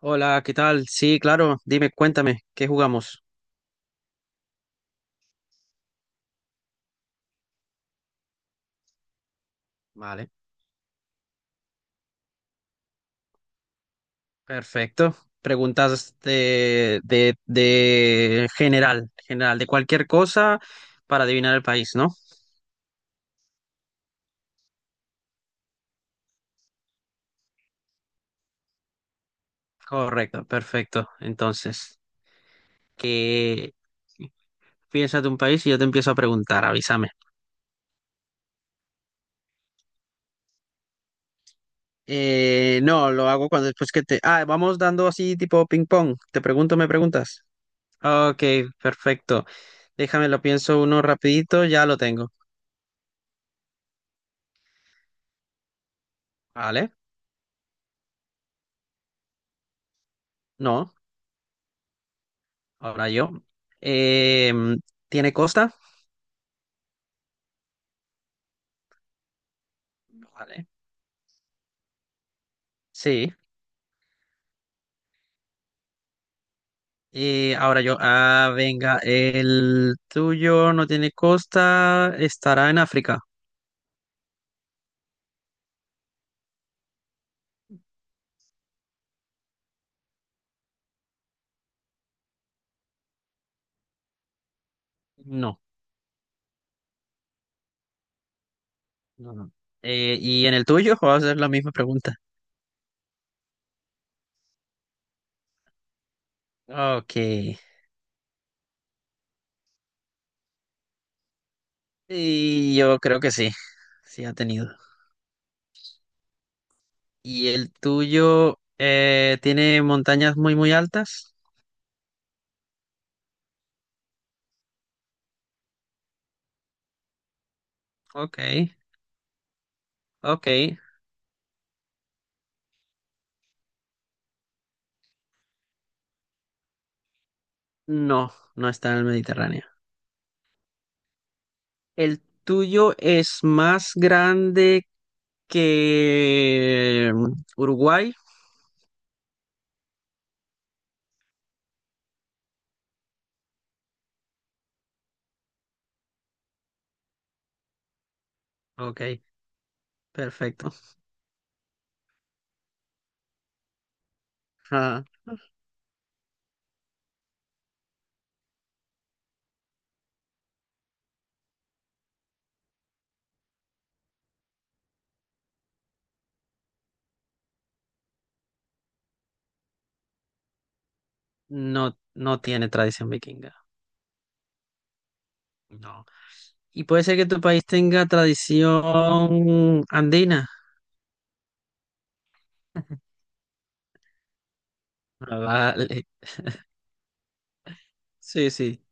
Hola, ¿qué tal? Sí, claro, dime, cuéntame, ¿qué jugamos? Vale, perfecto. Preguntas de general, de cualquier cosa para adivinar el país, ¿no? Correcto, perfecto. Entonces, ¿qué piensas de un país? Y yo te empiezo a preguntar, avísame. No, lo hago cuando después que te... Ah, vamos dando así tipo ping pong. Te pregunto, me preguntas. Ok, perfecto. Déjame, lo pienso uno rapidito, ya lo tengo. Vale, no. Ahora yo. Eh, ¿Tiene costa? Vale. Sí. Y ahora yo. Ah, venga. El tuyo no tiene costa. ¿Estará en África? No. No, no. ¿Y en el tuyo? Voy a hacer la misma pregunta. Ok. Y yo creo que sí. Sí ha tenido. ¿Y el tuyo tiene montañas muy, muy altas? Ok. Ok. No, no está en el Mediterráneo. ¿El tuyo es más grande que Uruguay? Ok, perfecto. Ah, no, no tiene tradición vikinga. No. Y puede ser que tu país tenga tradición andina. Ah, vale. Sí, sí.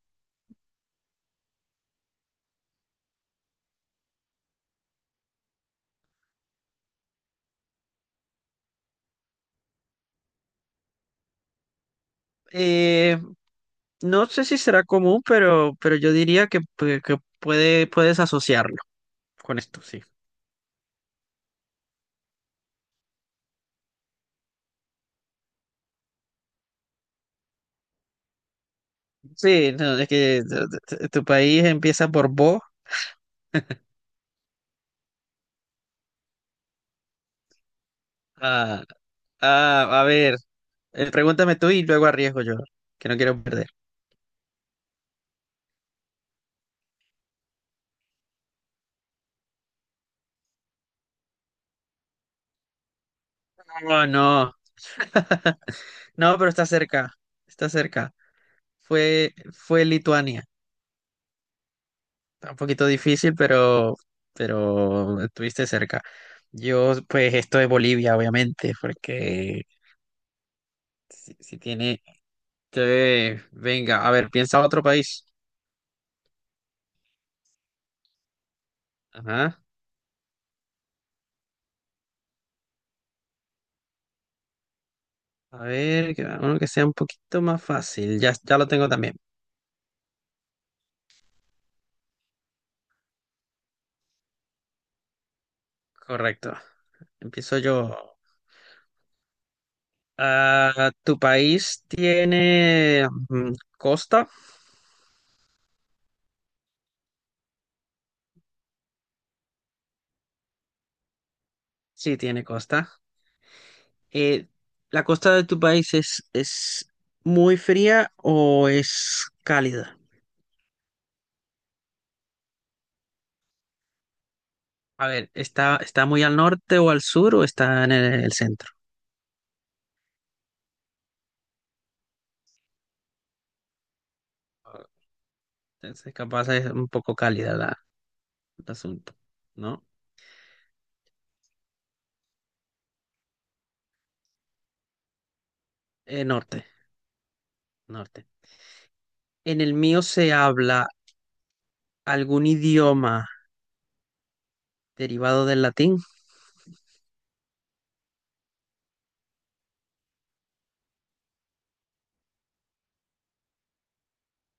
Eh, no sé si será común, pero yo diría que, que puedes asociarlo con esto, sí. Sí, no, es que tu país empieza por Bo. Ah, ah, a ver, pregúntame tú y luego arriesgo yo, que no quiero perder. No, no, no, pero está cerca, está cerca. Fue Lituania. Está un poquito difícil, pero estuviste cerca. Yo, pues, esto es Bolivia, obviamente, porque si, si tiene, te- venga, a ver, piensa otro país. Ajá. A ver, uno que sea un poquito más fácil. Ya lo tengo también. Correcto. Empiezo yo. Ah, ¿tu país tiene costa? Sí, tiene costa. Eh, ¿La costa de tu país es muy fría o es cálida? A ver, ¿está, está muy al norte o al sur o está en el centro? Entonces, capaz es un poco cálida la, el asunto, ¿no? Norte, norte. En el mío se habla algún idioma derivado del latín.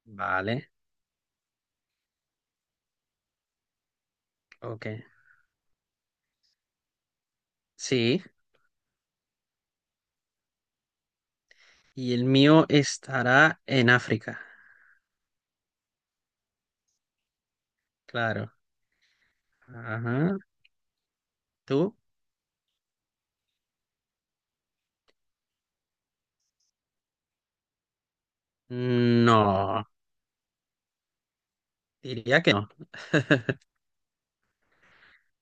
Vale, ok. Sí. Y el mío estará en África. Claro. Ajá. ¿Tú? No, diría que no.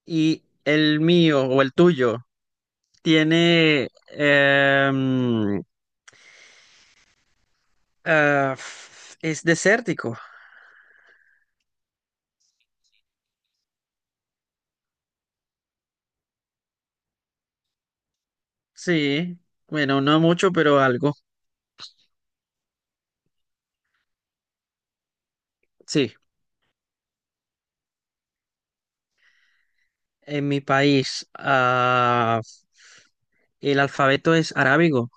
Y el mío o el tuyo tiene... es desértico. Sí. Bueno, no mucho, pero algo. Sí. En mi país, el alfabeto es arábigo.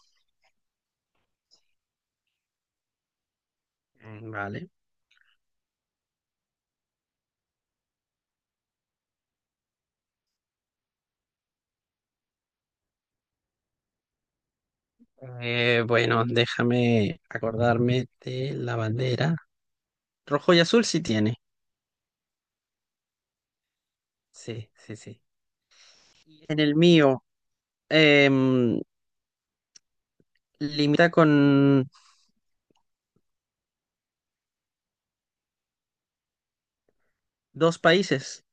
Mm, vale. Bueno, déjame acordarme de la bandera. Rojo y azul sí tiene. Sí, sí, sí. En el mío, em, limita con dos países.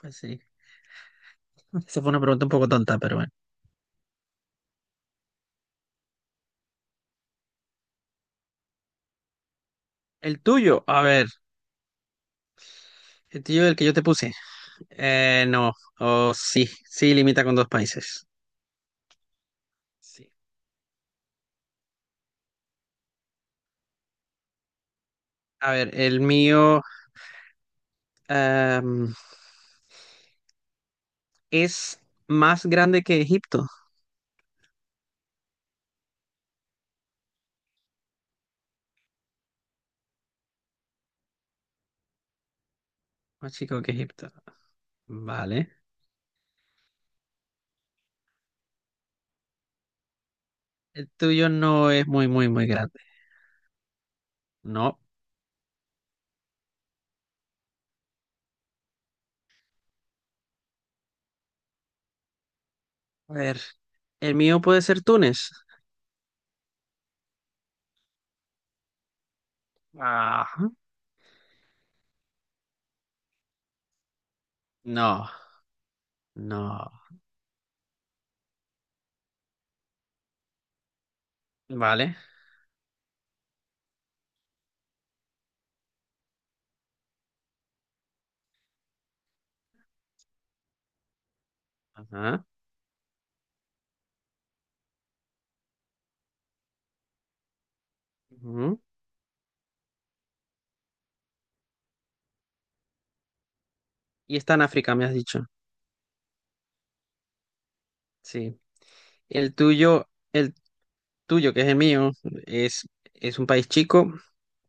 Pues sí. Esa fue una pregunta un poco tonta, pero bueno. El tuyo, a ver, el tuyo el que yo te puse. No, oh, sí, sí, limita con dos países. Sí. A ver, el mío em, es más grande que Egipto. Más chico que Egipto. Vale. El tuyo no es muy, muy, muy grande. No. A ver, el mío puede ser Túnez. Ah. No, no. Vale. Ajá. Ujú. Y está en África, me has dicho. Sí. El tuyo, el tuyo, que es el mío, es, es un país chico,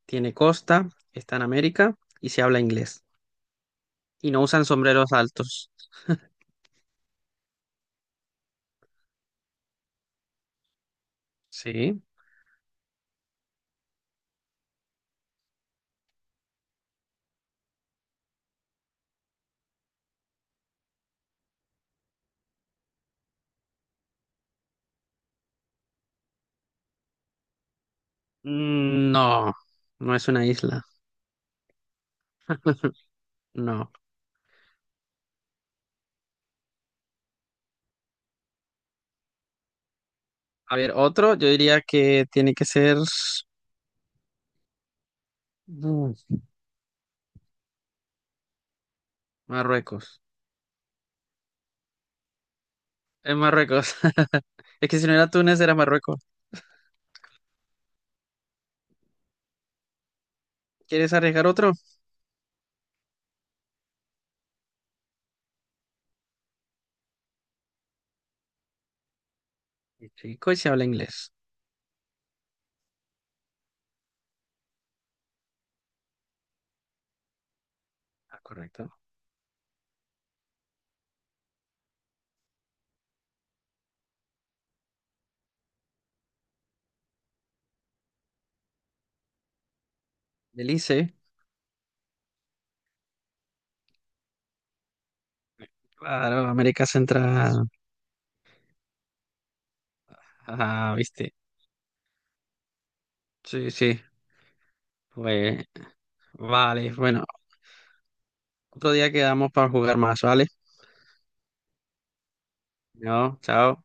tiene costa, está en América y se habla inglés. Y no usan sombreros altos. Sí. Mm, no, no es una isla. No. A ver, otro, yo diría que tiene que ser mm, Marruecos. Es Marruecos. Es que si no era Túnez, era Marruecos. ¿Quieres arriesgar otro? El chico y se habla inglés. Ah, correcto. Belice. Claro, América Central. Ah, viste. Sí, sí. Pues, vale, bueno, otro día quedamos para jugar más, ¿vale? No, chao.